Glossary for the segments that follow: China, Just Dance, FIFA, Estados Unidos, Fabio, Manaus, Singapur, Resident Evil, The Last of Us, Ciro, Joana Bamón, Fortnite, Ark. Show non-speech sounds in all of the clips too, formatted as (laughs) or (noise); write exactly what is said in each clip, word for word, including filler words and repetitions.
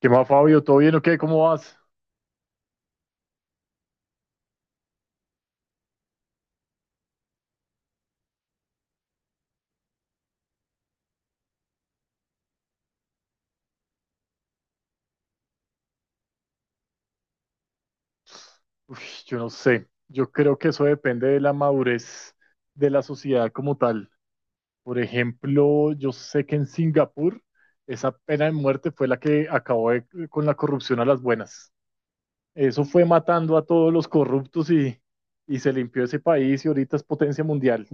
¿Qué más, Fabio? ¿Todo bien o qué? ¿Cómo vas? Uf, yo no sé. Yo creo que eso depende de la madurez de la sociedad como tal. Por ejemplo, yo sé que en Singapur esa pena de muerte fue la que acabó de- con la corrupción a las buenas. Eso fue matando a todos los corruptos y, y se limpió ese país y ahorita es potencia mundial.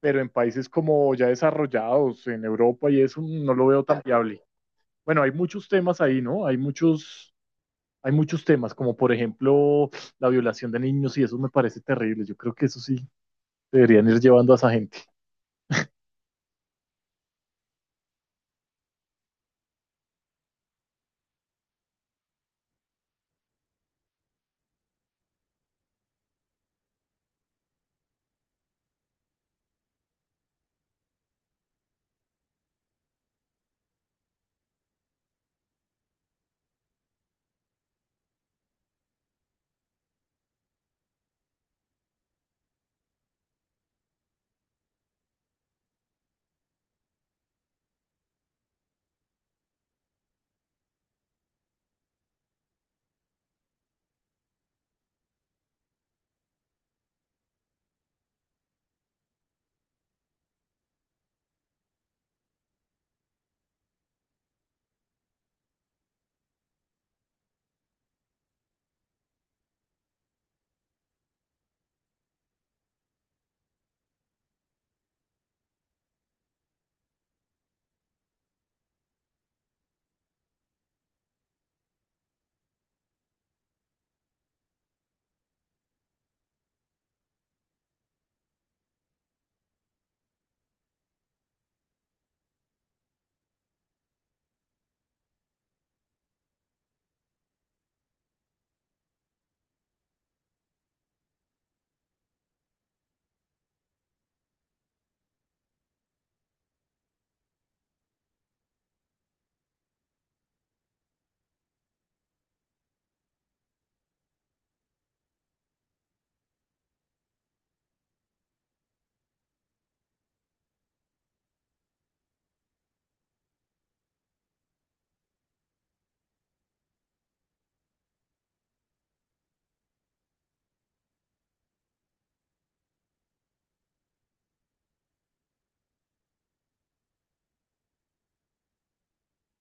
Pero en países como ya desarrollados, en Europa y eso, no lo veo tan viable. Bueno, hay muchos temas ahí, ¿no? Hay muchos Hay muchos temas, como por ejemplo la violación de niños, y eso me parece terrible. Yo creo que eso sí deberían ir llevando a esa gente.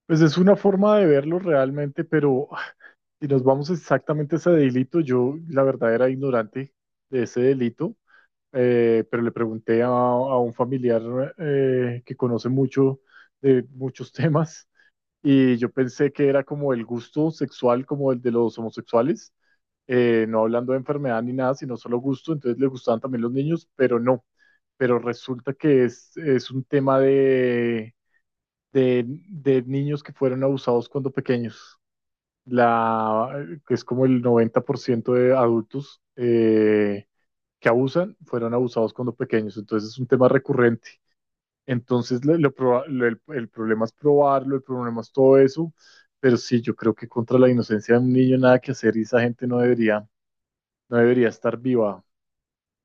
Pues es una forma de verlo realmente, pero ah, si nos vamos exactamente a ese delito, yo la verdad era ignorante de ese delito, eh, pero le pregunté a, a un familiar eh, que conoce mucho de muchos (laughs) temas y yo pensé que era como el gusto sexual como el de los homosexuales, eh, no hablando de enfermedad ni nada, sino solo gusto, entonces le gustaban también los niños, pero no, pero resulta que es, es un tema de, de, de niños que fueron abusados cuando pequeños, la, que es como el noventa por ciento de adultos eh, que abusan fueron abusados cuando pequeños, entonces es un tema recurrente. Entonces, lo, lo proba- lo- el, el problema es probarlo, el problema es todo eso, pero sí, yo creo que contra la inocencia de un niño nada que hacer y esa gente no debería no debería estar viva.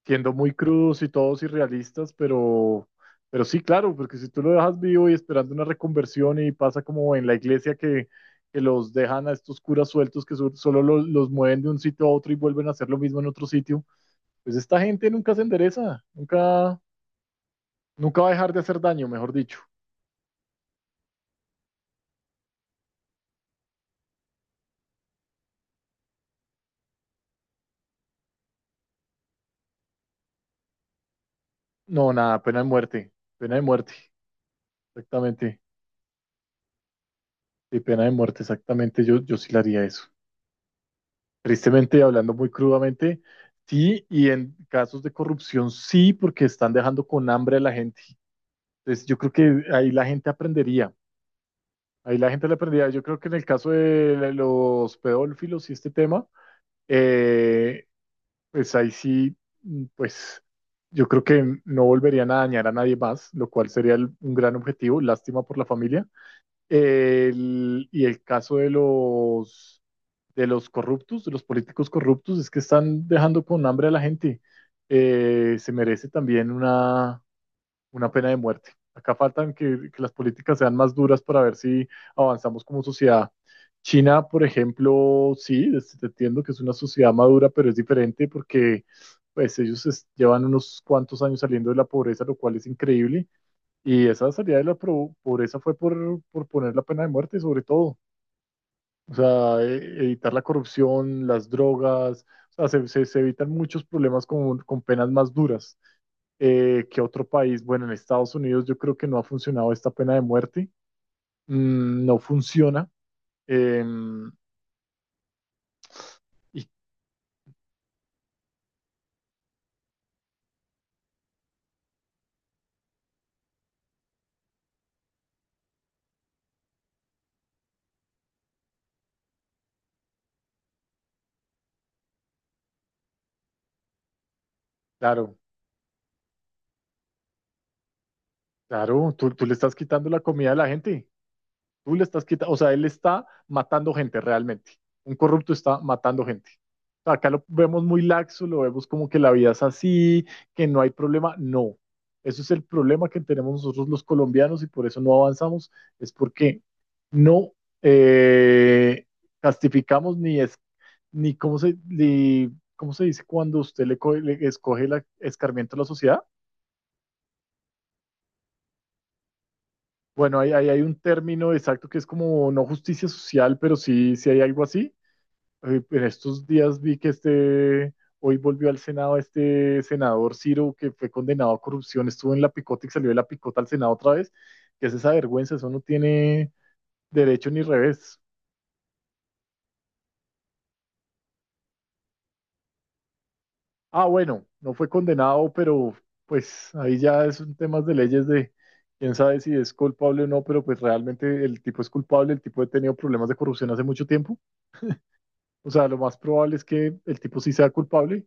Siendo muy crudos y todos irrealistas, pero, pero sí, claro, porque si tú lo dejas vivo y esperando una reconversión y pasa como en la iglesia que, que los dejan a estos curas sueltos que so- solo lo- los mueven de un sitio a otro y vuelven a hacer lo mismo en otro sitio, pues esta gente nunca se endereza, nunca, nunca va a dejar de hacer daño, mejor dicho. No, nada, pena de muerte, pena de muerte, exactamente. Sí, pena de muerte, exactamente, yo, yo sí le haría eso. Tristemente, hablando muy crudamente, sí, y en casos de corrupción sí, porque están dejando con hambre a la gente. Entonces, yo creo que ahí la gente aprendería, ahí la gente le aprendería. Yo creo que en el caso de los pedófilos y este tema, eh, pues ahí sí, mm, pues yo creo que no volverían a dañar a nadie más, lo cual sería el- un gran objetivo, lástima por la familia. El- y el caso de los de los corruptos, de los políticos corruptos, es que están dejando con hambre a la gente. Eh, se merece también una, una pena de muerte. Acá faltan que, que las políticas sean más duras para ver si avanzamos como sociedad. China, por ejemplo, sí, es- entiendo que es una sociedad madura, pero es diferente porque pues ellos es- llevan unos cuantos años saliendo de la pobreza, lo cual es increíble. Y esa salida de la pro- pobreza fue por, por poner la pena de muerte, sobre todo. O sea, e- evitar la corrupción, las drogas, o sea, se, se- se evitan muchos problemas con, con penas más duras eh, que otro país. Bueno, en Estados Unidos yo creo que no ha funcionado esta pena de muerte. Mm, no funciona. Em, y claro, claro, tú, tú le estás quitando la comida a la gente. Tú le estás quitando, o sea, él está matando gente realmente. Un corrupto está matando gente. O sea, acá lo vemos muy laxo, lo vemos como que la vida es así, que no hay problema. No, eso es el problema que tenemos nosotros los colombianos y por eso no avanzamos, es porque no eh, castificamos ni es, ni cómo se, ni, ¿cómo se dice cuando usted le, co- le escoge el escarmiento a la sociedad? Bueno, ahí, ahí hay un término exacto que es como no justicia social, pero sí, sí hay algo así. Eh, En estos días vi que este, hoy volvió al Senado este senador Ciro, que fue condenado a corrupción, estuvo en la picota y salió de la picota al Senado otra vez. Que es esa vergüenza? Eso no tiene derecho ni revés. Ah, bueno, no fue condenado, pero pues ahí ya es un tema de leyes de quién sabe si es culpable o no, pero pues realmente el tipo es culpable, el tipo ha tenido problemas de corrupción hace mucho tiempo. O sea, lo más probable es que el tipo sí sea culpable.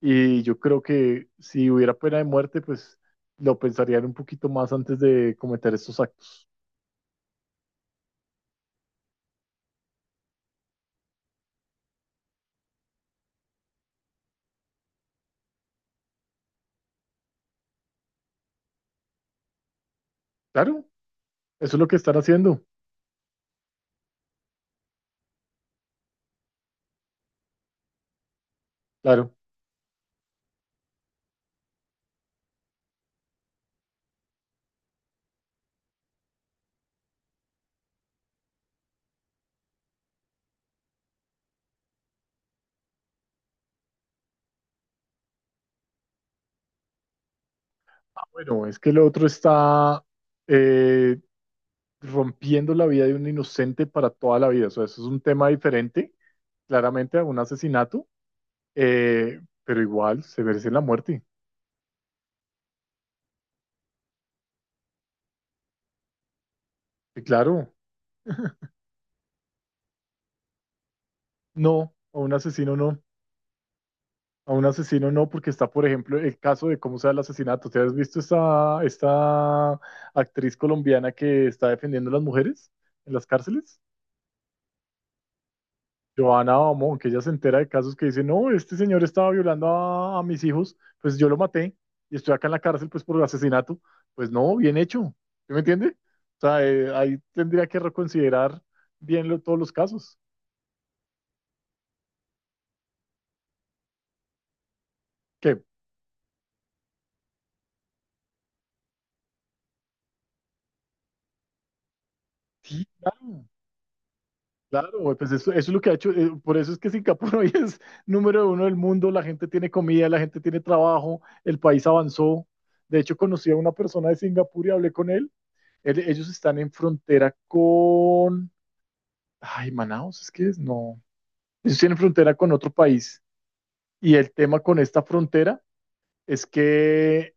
Y yo creo que si hubiera pena de muerte, pues lo pensarían un poquito más antes de cometer estos actos. Claro, eso es lo que están haciendo. Claro. Ah, bueno, es que el otro está eh, rompiendo la vida de un inocente para toda la vida. O sea, eso es un tema diferente, claramente, a un asesinato, eh, pero igual se merece la muerte. Y claro, no, a un asesino no. A un asesino no, porque está, por ejemplo, el caso de cómo se da el asesinato. ¿Te has visto esta, esta actriz colombiana que está defendiendo a las mujeres en las cárceles? Joana Bamón, que ella se entera de casos que dice, no, este señor estaba violando a, a mis hijos, pues yo lo maté y estoy acá en la cárcel pues por asesinato. Pues no, bien hecho. ¿Sí me entiende? O sea, eh, ahí tendría que reconsiderar bien lo- todos los casos. Que sí, claro. Claro, güey, pues eso, eso es lo que ha hecho, eh, por eso es que Singapur (laughs) hoy es número uno del mundo, la gente tiene comida, la gente tiene trabajo, el país avanzó. De hecho, conocí a una persona de Singapur y hablé con él. Él- ellos están en frontera con... Ay, Manaus, es que es, no. Ellos tienen frontera con otro país. Y el tema con esta frontera es que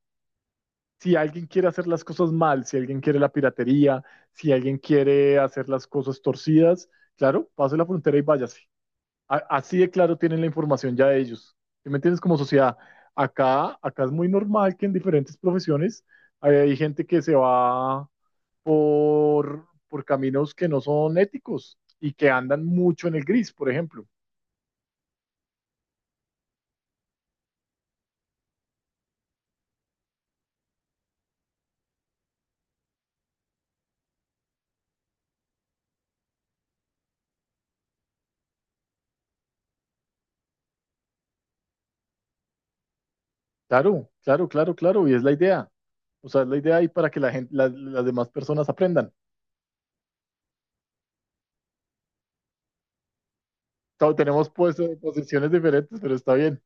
si alguien quiere hacer las cosas mal, si alguien quiere la piratería, si alguien quiere hacer las cosas torcidas, claro, pase la frontera y váyase. A- así de claro tienen la información ya ellos. ¿Sí me entiendes? Como sociedad, acá, acá es muy normal que en diferentes profesiones hay, hay gente que se va por, por caminos que no son éticos y que andan mucho en el gris, por ejemplo. Claro, claro, claro, claro, y es la idea. O sea, es la idea ahí para que la gente, la- las demás personas aprendan. Todos tenemos pues, eh, posiciones diferentes, pero está bien.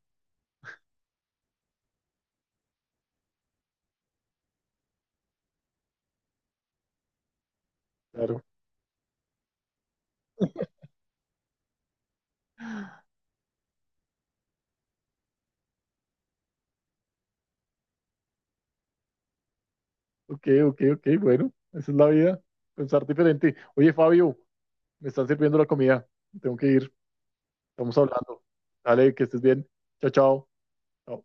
Claro. Ok, ok, ok, bueno, esa es la vida, pensar diferente. Oye, Fabio. Me están sirviendo la comida. Tengo que ir. Estamos hablando. Dale, que estés bien. Chao, chao. Chao.